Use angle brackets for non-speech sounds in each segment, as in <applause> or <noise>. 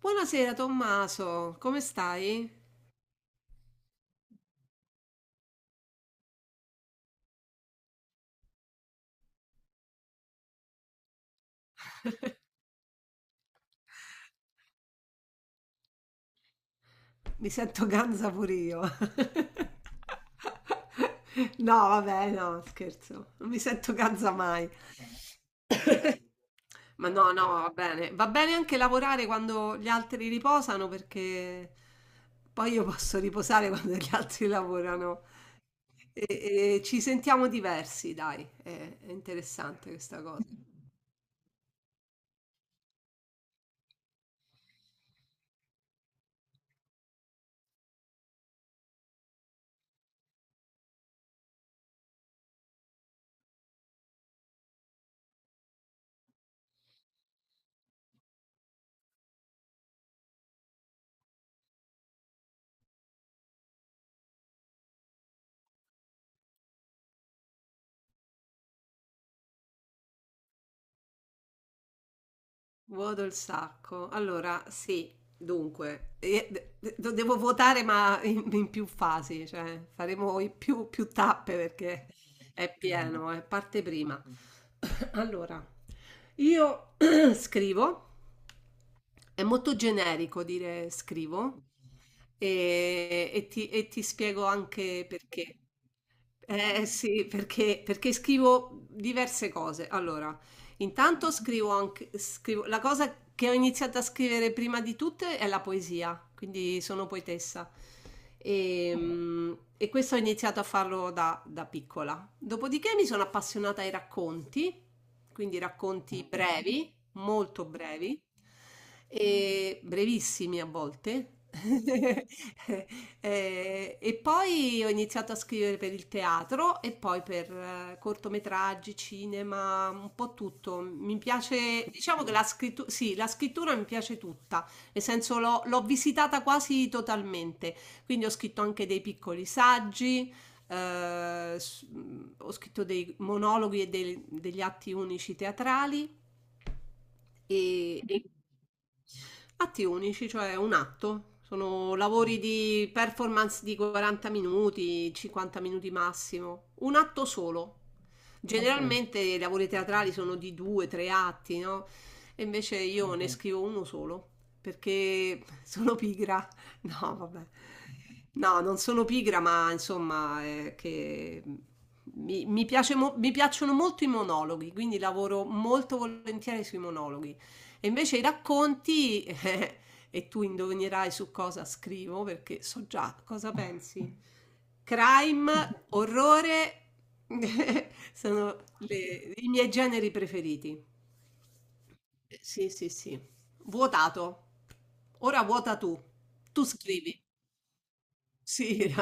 Buonasera Tommaso, come stai? Mi sento ganza pure io. <laughs> No, vabbè, no, scherzo, non mi sento ganza mai. Ma no, no, va bene. Va bene anche lavorare quando gli altri riposano perché poi io posso riposare <laughs> quando gli altri lavorano. E, e ci sentiamo diversi, dai, è interessante questa cosa. Voto il sacco. Allora, sì, dunque, devo votare ma in più fasi, cioè faremo i più tappe perché è pieno, è parte prima. <coughs> Allora, io <clears throat> scrivo, è molto generico dire scrivo, e ti spiego anche perché. Eh sì, perché scrivo diverse cose. Allora, intanto scrivo, la cosa che ho iniziato a scrivere prima di tutte è la poesia, quindi sono poetessa. E questo ho iniziato a farlo da piccola. Dopodiché mi sono appassionata ai racconti, quindi racconti brevi, molto brevi e brevissimi a volte. <laughs> E poi ho iniziato a scrivere per il teatro e poi per cortometraggi, cinema, un po' tutto. Mi piace, diciamo che la scrittura, sì, la scrittura mi piace tutta, nel senso l'ho visitata quasi totalmente. Quindi ho scritto anche dei piccoli saggi, eh, s- ho scritto dei monologhi e degli atti unici teatrali. E atti unici, cioè un atto. Sono lavori di performance di 40 minuti, 50 minuti massimo. Un atto solo. Generalmente, okay, i lavori teatrali sono di due, tre atti, no? E invece io, okay, ne, mhm, scrivo uno solo perché <laughs> sono pigra. No, vabbè. No, non sono pigra, ma insomma, che mi piacciono molto i monologhi, quindi lavoro molto volentieri sui monologhi. E invece i racconti, <laughs> e tu indovinerai su cosa scrivo, perché so già cosa pensi. Crime, orrore, <laughs> sono i miei generi preferiti. Sì, sì, sì. Vuotato. Ora vuota tu. Tu scrivi. Sì, <laughs>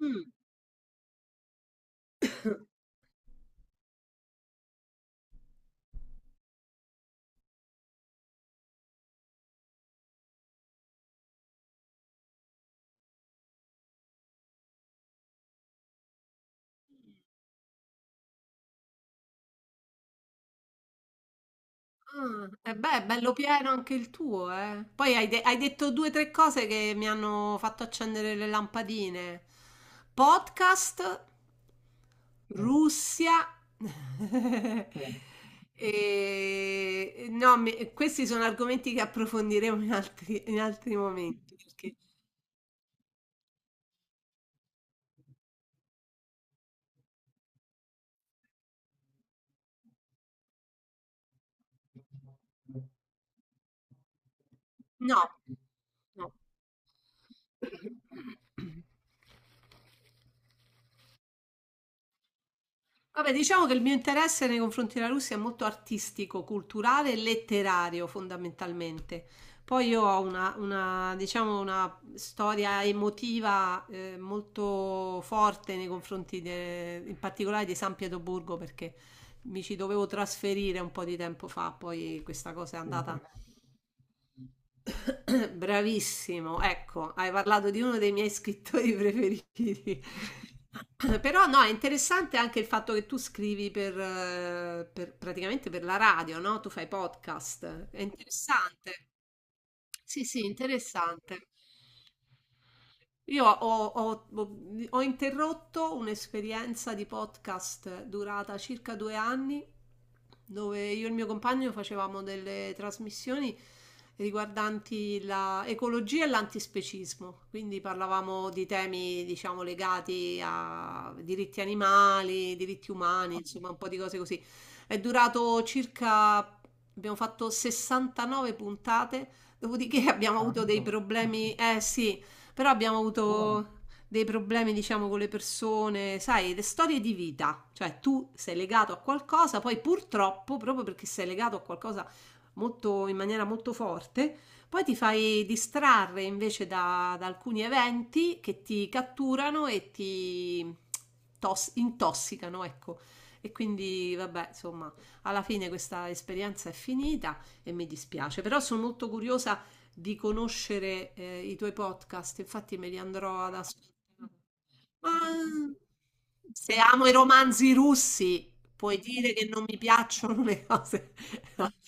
no. Ah, e beh, è bello pieno anche il tuo, eh. Poi hai detto due o tre cose che mi hanno fatto accendere le lampadine. Podcast, mm, Russia. <laughs> Mm. No, questi sono argomenti che approfondiremo in altri momenti. Perché. No, no. <clears throat> Vabbè, diciamo che il mio interesse nei confronti della Russia è molto artistico, culturale e letterario fondamentalmente. Poi io ho una, diciamo, una storia emotiva molto forte nei confronti in particolare di San Pietroburgo perché mi ci dovevo trasferire un po' di tempo fa, poi questa cosa è andata. <coughs> Bravissimo, ecco, hai parlato di uno dei miei scrittori preferiti. <laughs> Però no, è interessante anche il fatto che tu scrivi per, praticamente per la radio, no? Tu fai podcast. È interessante. Sì, sì, interessante. Io ho interrotto un'esperienza di podcast durata circa 2 anni, dove io e il mio compagno facevamo delle trasmissioni riguardanti l'ecologia e l'antispecismo, quindi parlavamo di temi, diciamo, legati a diritti animali, diritti umani, insomma, un po' di cose così. È durato circa, abbiamo fatto 69 puntate, dopodiché abbiamo avuto dei, tanto, problemi, eh sì. Però abbiamo avuto, buono, dei problemi, diciamo, con le persone, sai, le storie di vita. Cioè, tu sei legato a qualcosa, poi purtroppo, proprio perché sei legato a qualcosa molto, in maniera molto forte, poi ti fai distrarre invece da alcuni eventi che ti catturano e ti intossicano, ecco. E quindi, vabbè, insomma, alla fine questa esperienza è finita e mi dispiace, però sono molto curiosa di conoscere i tuoi podcast, infatti me li andrò ad ascoltare. Ma se amo i romanzi russi, puoi dire che non mi piacciono le cose. <laughs>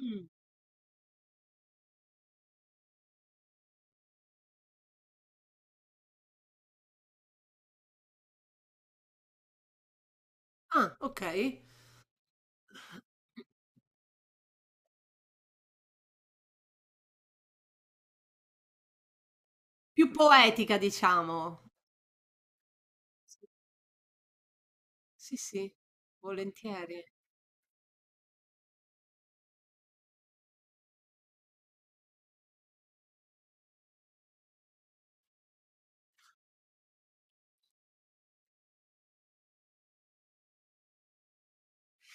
Mm. Ah, ok. Più poetica, diciamo. Sì, sì, volentieri.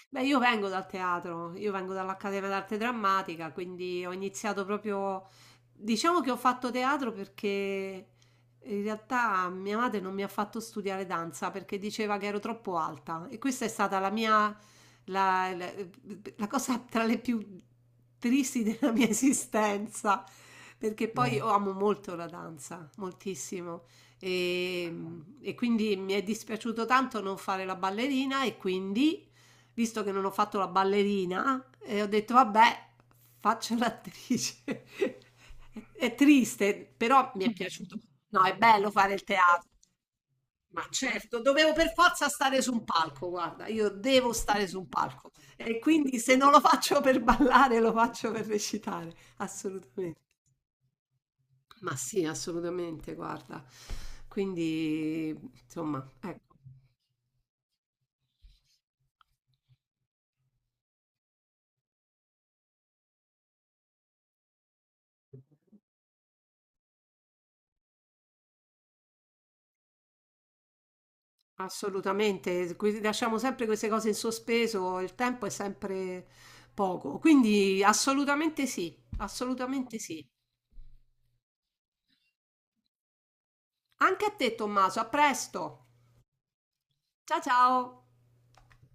Beh, io vengo dal teatro, io vengo dall'Accademia d'Arte Drammatica, quindi ho iniziato proprio. Diciamo che ho fatto teatro perché in realtà mia madre non mi ha fatto studiare danza perché diceva che ero troppo alta e questa è stata la mia. la, la- la cosa tra le più tristi della mia esistenza, perché poi, mm, io amo molto la danza, moltissimo. E, e quindi mi è dispiaciuto tanto non fare la ballerina e quindi visto che non ho fatto la ballerina, e ho detto vabbè, faccio l'attrice. <laughs> È triste, però mi è piaciuto. No, è bello fare il teatro, ma certo, dovevo per forza stare su un palco, guarda, io devo stare su un palco. E quindi se non lo faccio per ballare, lo faccio per recitare, assolutamente. Ma sì, assolutamente, guarda. Quindi, insomma, ecco. Assolutamente, lasciamo sempre queste cose in sospeso, il tempo è sempre poco, quindi assolutamente sì, assolutamente sì. Anche a te, Tommaso, a presto. Ciao ciao.